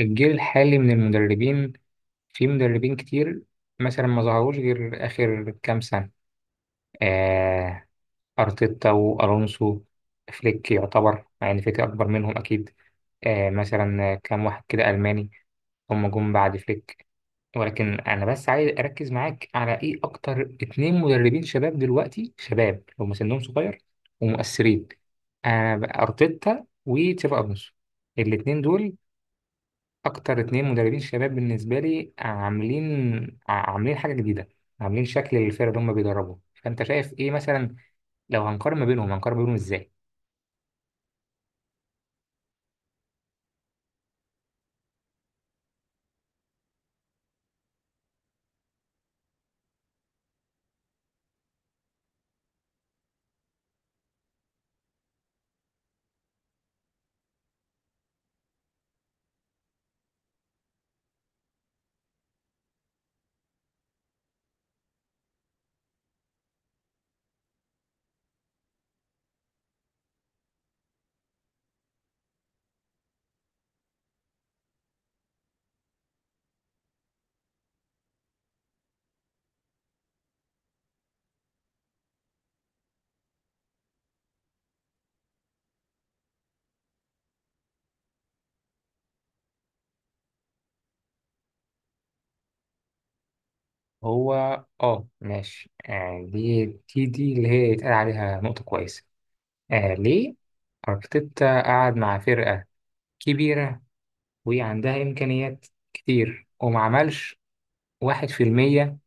الجيل الحالي من المدربين في مدربين كتير مثلا ما ظهروش غير آخر كام سنة. آه، أرتيتا وألونسو فليك. يعتبر مع إن فليك أكبر منهم أكيد. آه مثلا كام واحد كده ألماني هم جم بعد فليك. ولكن أنا بس عايز أركز معاك على إيه. أكتر اتنين مدربين شباب دلوقتي، شباب هم سنهم صغير ومؤثرين. آه أرتيتا وتشابي ألونسو. الاتنين دول اكتر اتنين مدربين شباب بالنسبه لي، عاملين عاملين حاجه جديده، عاملين شكل للفرقه اللي هم بيدربوا. فانت شايف ايه مثلا؟ لو هنقارن ما بينهم هنقارن ما بينهم ازاي؟ هو اه ماشي. آه دي اللي هي يتقال عليها نقطه كويسه. آه، ليه؟ ارتيتا قعد مع فرقه كبيره وعندها امكانيات كتير، وما عملش واحد في المية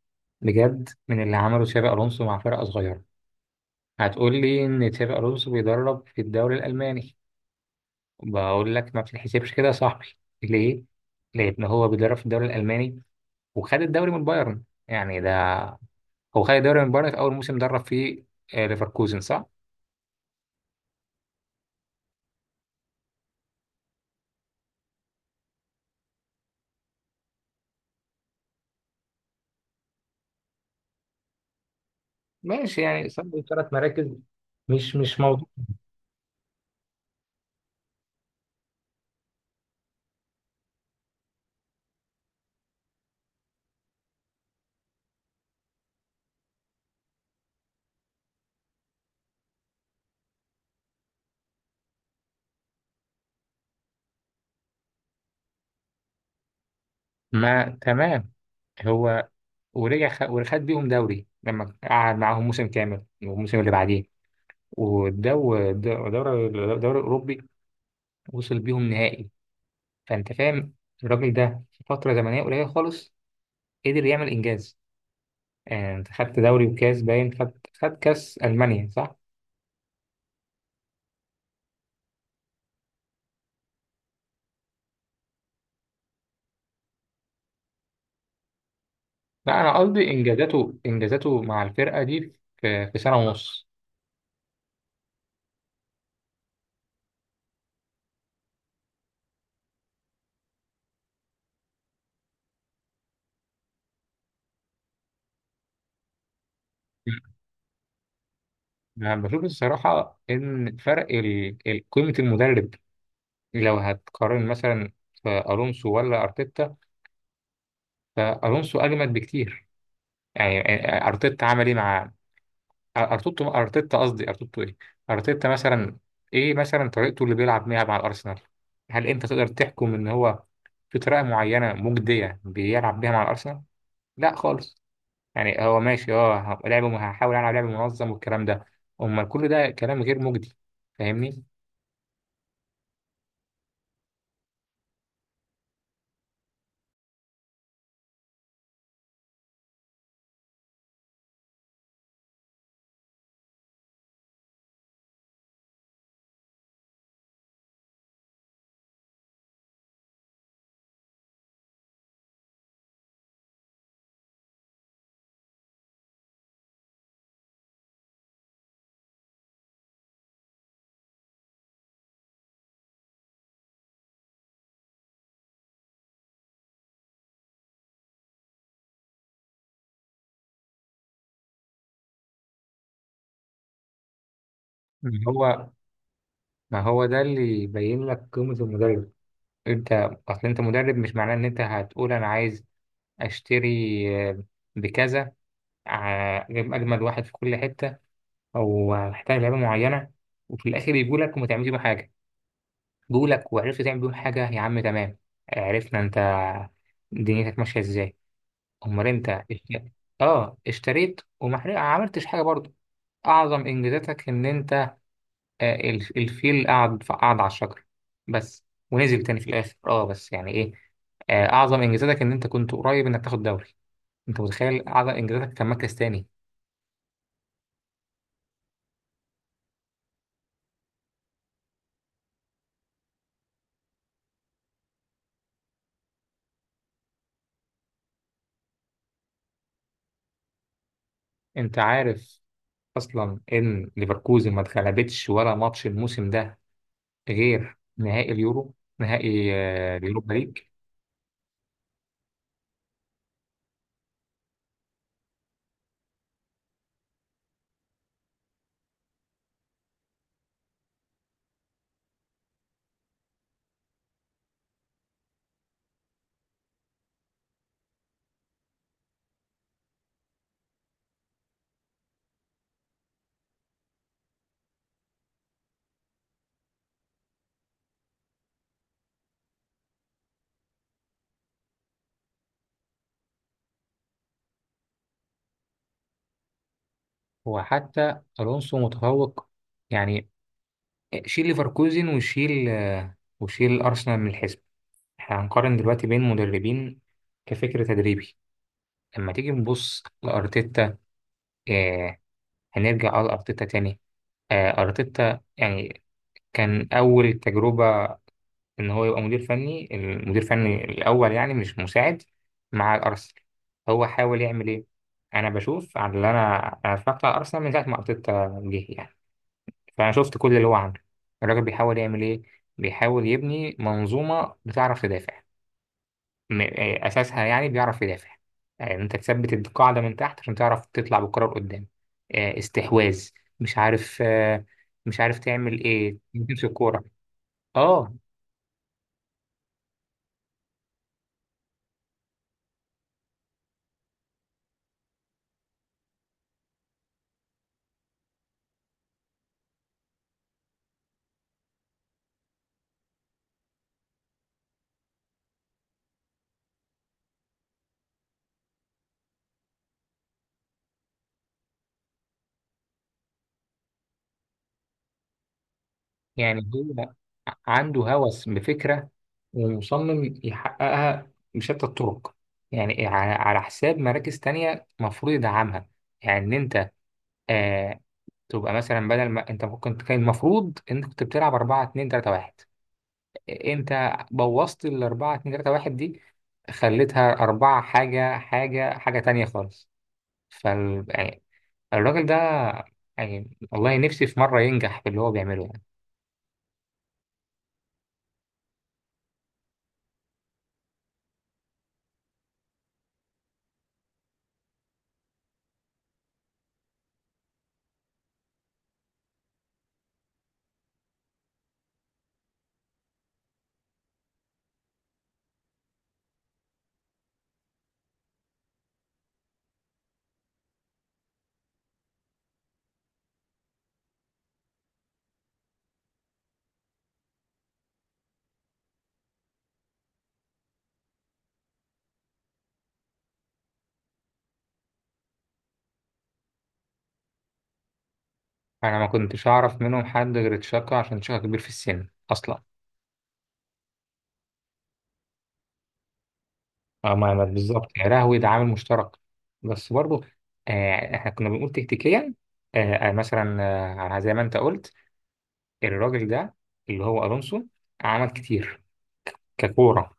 بجد من اللي عمله تشابي الونسو مع فرقه صغيره. هتقول لي ان تشابي الونسو بيدرب في الدوري الالماني. بقول لك ما بتتحسبش كده يا صاحبي. ليه؟ لأن هو بيدرب في الدوري الألماني، وخد الدوري من بايرن. يعني ده هو خد الدوري من بايرن في أول موسم درب فيه. آه، ليفركوزن صح؟ ماشي، يعني صعب ثلاث مراكز. مش موضوع. ما تمام. هو ورجع وخد بيهم دوري لما قعد معاهم موسم كامل. والموسم اللي بعديه والدوري الدوري الأوروبي وصل بيهم نهائي. فأنت فاهم الراجل ده في فترة زمنية قليلة خالص قدر يعمل إنجاز. آه، انت خدت دوري وكاس، باين خد. خد كاس المانيا صح. لا انا قصدي انجازاته، انجازاته مع الفرقه دي في في سنه ونص. أنا بشوف الصراحة إن فرق قيمة المدرب. لو هتقارن مثلا في ألونسو ولا أرتيتا، فألونسو أجمد بكتير. يعني آه، آه، أرتيتا عمل إيه مع ارتوتو؟ ارتيتا قصدي، ارتوتو ايه. ارتيتا مثلا، ايه مثلا طريقته اللي بيلعب بيها مع الارسنال؟ هل انت تقدر تحكم ان هو في طريقه معينه مجديه بيلعب بيها مع الارسنال؟ لا خالص. يعني هو ماشي، اه لعبه، هحاول العب لعب منظم والكلام ده. امال كل ده كلام غير مجدي. فاهمني؟ ما هو ما هو ده اللي يبين لك قيمه المدرب. انت اصل انت مدرب، مش معناه ان انت هتقول انا عايز اشتري، آه، بكذا، آه، اجيب اجمد واحد في كل حته، او محتاج لعيبه معينه، وفي الاخر يجوا لك وما تعملش بيه حاجه. جوا لك وعرفت تعمل بيه حاجه، يا عم تمام، عرفنا انت دنيتك ماشيه ازاي. امال انت اه اشتريت، وما عملتش حاجه برضه. اعظم انجازاتك ان انت آه، الفيل قعد على الشجر بس، ونزل تاني في الاخر. اه بس يعني ايه. آه، اعظم انجازاتك ان انت كنت قريب انك تاخد دوري. انت متخيل اعظم انجازاتك كان مركز تاني؟ انت عارف اصلا ان ليفركوزن ما اتغلبتش ولا ماتش الموسم ده غير نهائي اليورو، نهائي آه، اليوروبا ليج. وحتى الونسو متفوق يعني. شيل ليفركوزن وشيل آه، وشيل ارسنال من الحزب. احنا هنقارن دلوقتي بين مدربين كفكر تدريبي. لما تيجي نبص لارتيتا، آه، هنرجع على ارتيتا تاني. آه، ارتيتا يعني كان اول تجربة ان هو يبقى مدير فني، المدير الفني الاول يعني مش مساعد، مع الارسنال. هو حاول يعمل ايه؟ انا بشوف على اللي انا انا اتفرجت على ارسنال من ساعه ما ارتيتا جه يعني، فانا شفت كل اللي هو عامله. الراجل بيحاول يعمل ايه؟ بيحاول يبني منظومه بتعرف تدافع، آه، اساسها يعني بيعرف يدافع. يعني انت تثبت القاعده من تحت عشان تعرف تطلع بالكره لقدام. آه، استحواذ مش عارف، آه، مش عارف تعمل ايه تمسك الكوره. اه يعني هو عنده هوس بفكرة ومصمم يحققها بشتى الطرق، يعني على حساب مراكز تانية مفروض يدعمها. يعني إن أنت آه تبقى مثلا، بدل ما أنت ممكن كان المفروض إنك كنت بتلعب 4 2 3 1، أنت بوظت ال 4 2 3 1 دي، خليتها 4 حاجة حاجة حاجة تانية خالص. فال يعني الراجل ده، يعني والله نفسي في مرة ينجح في اللي هو بيعمله. انا ما كنتش اعرف منهم حد غير تشاكا عشان تشاكا كبير في السن اصلا. اه بالظبط، يا لهوي ده عامل مشترك. بس برضه آه احنا كنا بنقول تكتيكيا، آه آه، مثلا آه زي ما انت قلت، الراجل ده اللي هو الونسو عمل كتير ككوره.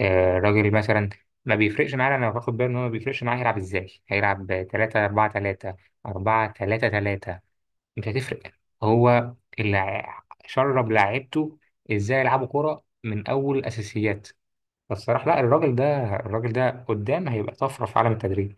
آه راجل مثلا ما بيفرقش معانا، انا باخد بالي ان هو ما بيفرقش معاه هيلعب ازاي. هيلعب 3 4 3، 4 3 3، مش هتفرق. هو اللي شرب لعيبته ازاي يلعبوا كرة من اول الاساسيات. فالصراحة لا، الراجل ده، الراجل ده قدام هيبقى طفرة في عالم التدريب.